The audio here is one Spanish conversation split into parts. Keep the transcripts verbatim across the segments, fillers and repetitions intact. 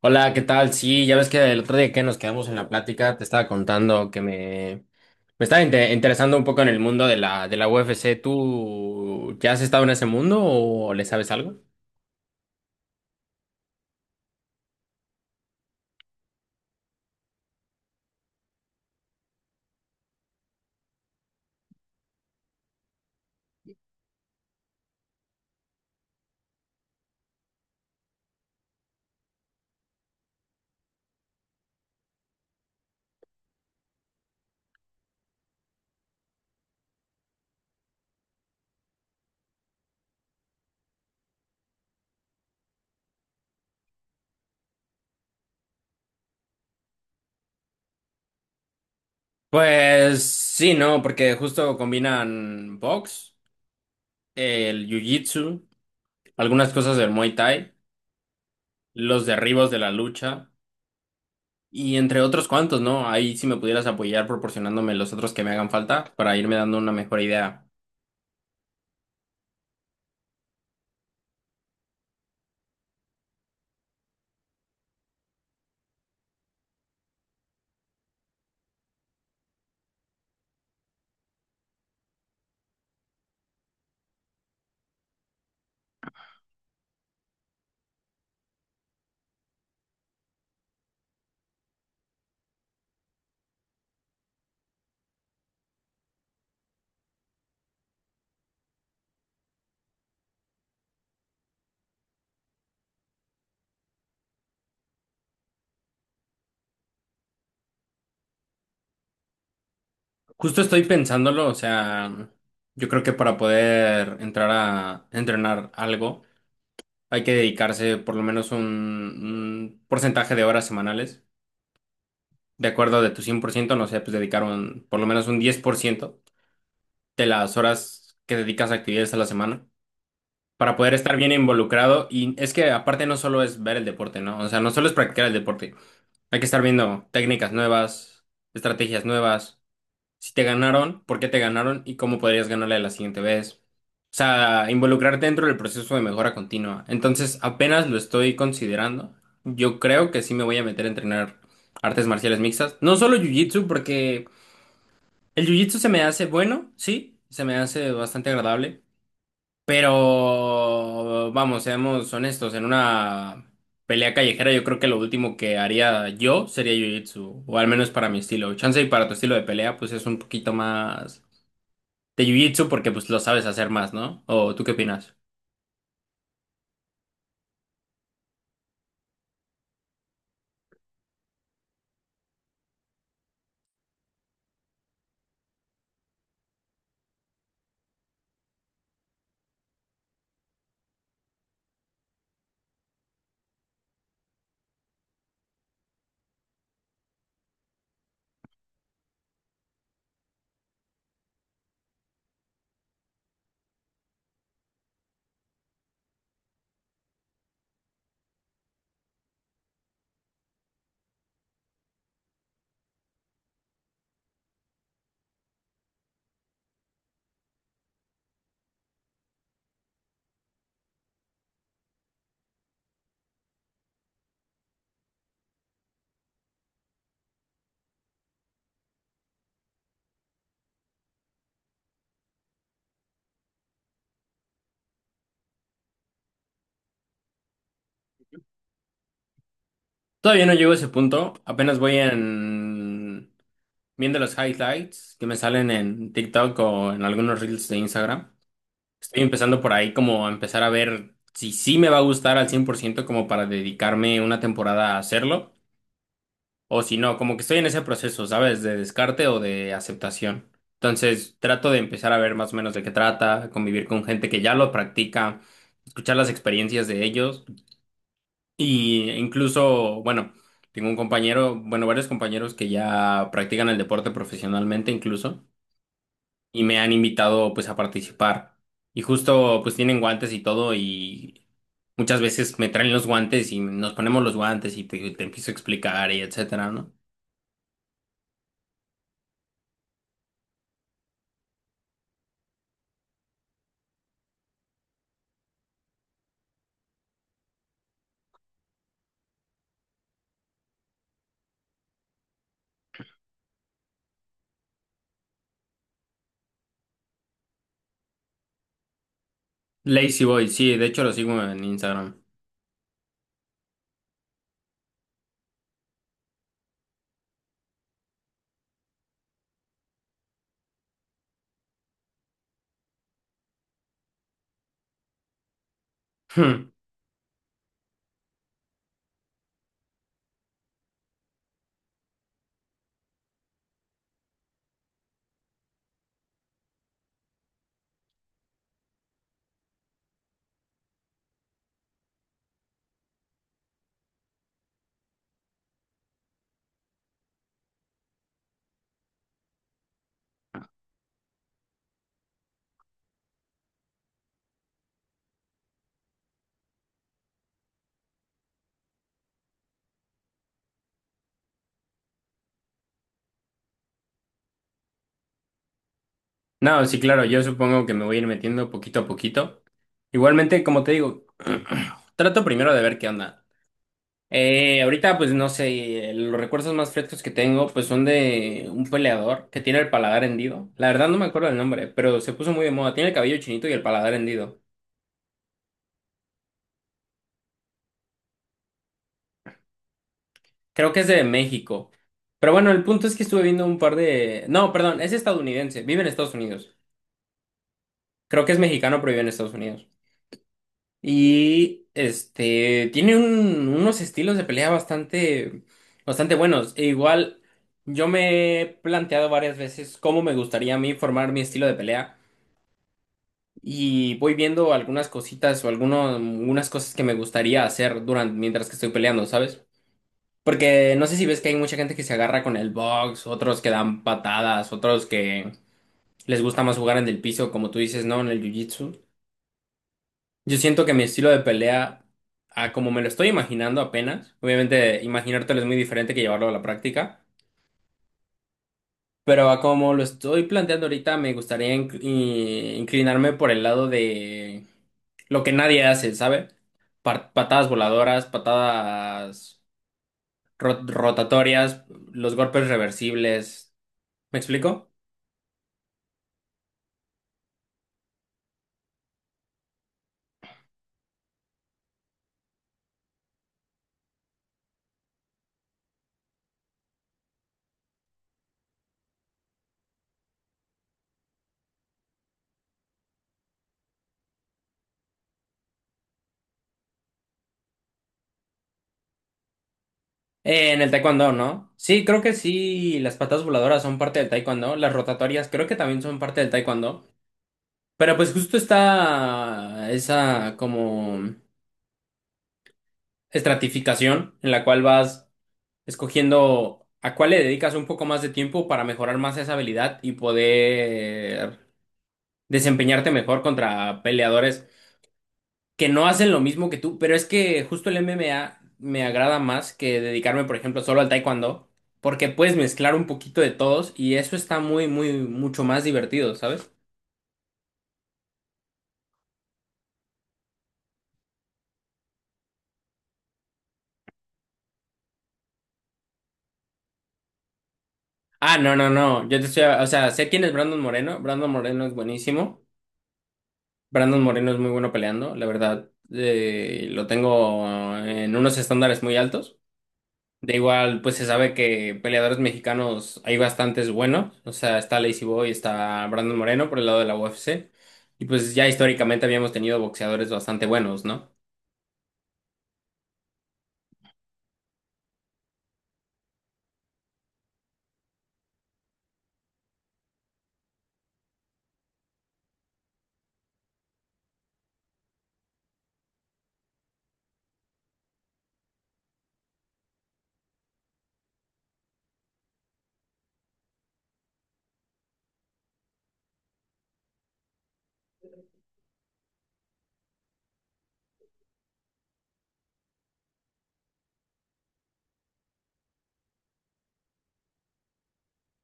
Hola, ¿qué tal? Sí, ya ves que el otro día que nos quedamos en la plática te estaba contando que me, me estaba inte- interesando un poco en el mundo de la, de la U F C. ¿Tú ya has estado en ese mundo o le sabes algo? Pues sí, no, porque justo combinan box, el jiu-jitsu, algunas cosas del Muay Thai, los derribos de la lucha y entre otros cuantos, ¿no? Ahí si me pudieras apoyar proporcionándome los otros que me hagan falta para irme dando una mejor idea. Justo estoy pensándolo, o sea, yo creo que para poder entrar a entrenar algo hay que dedicarse por lo menos un, un porcentaje de horas semanales. De acuerdo de tu cien por ciento no sé, pues dedicar un- por lo menos un diez por ciento de las horas que dedicas a actividades a la semana para poder estar bien involucrado. Y es que aparte no solo es ver el deporte, ¿no? O sea, no solo es practicar el deporte. Hay que estar viendo técnicas nuevas, estrategias nuevas. Si te ganaron, por qué te ganaron y cómo podrías ganarle la siguiente vez. O sea, involucrarte dentro del proceso de mejora continua. Entonces, apenas lo estoy considerando. Yo creo que sí me voy a meter a entrenar artes marciales mixtas. No solo jiu-jitsu, porque el jiu-jitsu se me hace bueno, sí, se me hace bastante agradable. Pero, vamos, seamos honestos, en una pelea callejera yo creo que lo último que haría yo sería jiu-jitsu, o al menos para mi estilo. Chance y para tu estilo de pelea, pues es un poquito más de jiu-jitsu porque pues lo sabes hacer más, ¿no? ¿O tú qué opinas? Todavía no llego a ese punto, apenas voy en viendo los highlights que me salen en TikTok o en algunos reels de Instagram. Estoy empezando por ahí como a empezar a ver si sí me va a gustar al cien por ciento como para dedicarme una temporada a hacerlo o si no, como que estoy en ese proceso, ¿sabes? De descarte o de aceptación. Entonces trato de empezar a ver más o menos de qué trata, convivir con gente que ya lo practica, escuchar las experiencias de ellos. Y incluso, bueno, tengo un compañero, bueno, varios compañeros que ya practican el deporte profesionalmente incluso, y me han invitado pues a participar. Y justo pues tienen guantes y todo, y muchas veces me traen los guantes y nos ponemos los guantes y te, te empiezo a explicar y etcétera, ¿no? Lazy Boy, sí, de hecho lo sigo en Instagram. Hmm. No, sí, claro, yo supongo que me voy a ir metiendo poquito a poquito. Igualmente, como te digo, trato primero de ver qué onda. Eh, ahorita, pues no sé, eh, los recuerdos más frescos que tengo, pues son de un peleador que tiene el paladar hendido. La verdad no me acuerdo del nombre, pero se puso muy de moda. Tiene el cabello chinito y el paladar hendido. Creo que es de México. Pero bueno, el punto es que estuve viendo un par de... No, perdón, es estadounidense, vive en Estados Unidos. Creo que es mexicano, pero vive en Estados Unidos. Y este, tiene un- unos estilos de pelea bastante, bastante buenos. E igual, yo me he planteado varias veces cómo me gustaría a mí formar mi estilo de pelea. Y voy viendo algunas cositas o algunos, algunas cosas que me gustaría hacer durante, mientras que estoy peleando, ¿sabes? Porque no sé si ves que hay mucha gente que se agarra con el box, otros que dan patadas, otros que les gusta más jugar en el piso, como tú dices, ¿no? En el jiu-jitsu. Yo siento que mi estilo de pelea, a como me lo estoy imaginando apenas, obviamente imaginártelo es muy diferente que llevarlo a la práctica. Pero a como lo estoy planteando ahorita, me gustaría inc- i- inclinarme por el lado de lo que nadie hace, ¿sabe? Par- patadas voladoras, patadas ro- rotatorias, los golpes reversibles. ¿Me explico? Eh, en el taekwondo, ¿no? Sí, creo que sí, las patadas voladoras son parte del taekwondo, las rotatorias creo que también son parte del taekwondo. Pero pues justo está esa como estratificación en la cual vas escogiendo a cuál le dedicas un poco más de tiempo para mejorar más esa habilidad y poder desempeñarte mejor contra peleadores que no hacen lo mismo que tú. Pero es que justo el M M A me agrada más que dedicarme, por ejemplo, solo al taekwondo, porque puedes mezclar un poquito de todos y eso está muy, muy, mucho más divertido, ¿sabes? Ah, no, no, no. Yo te estoy, o sea, sé quién es Brandon Moreno. Brandon Moreno es buenísimo. Brandon Moreno es muy bueno peleando, la verdad. Eh, lo tengo en unos estándares muy altos. De igual, pues se sabe que peleadores mexicanos hay bastantes buenos. O sea, está Lazy Boy, está Brandon Moreno por el lado de la U F C. Y pues ya históricamente habíamos tenido boxeadores bastante buenos, ¿no?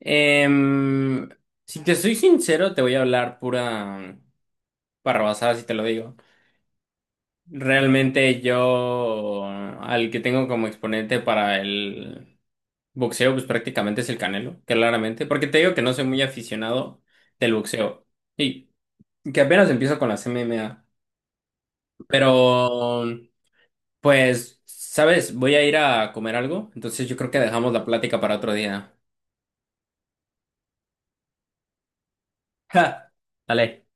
Em, si te soy sincero, te voy a hablar pura barrabasada si te lo digo. Realmente yo al que tengo como exponente para el boxeo, pues prácticamente es el Canelo, claramente. Porque te digo que no soy muy aficionado del boxeo. Y que apenas empiezo con las M M A. Pero, pues, ¿sabes? Voy a ir a comer algo, entonces yo creo que dejamos la plática para otro día. ¡Ja! Dale.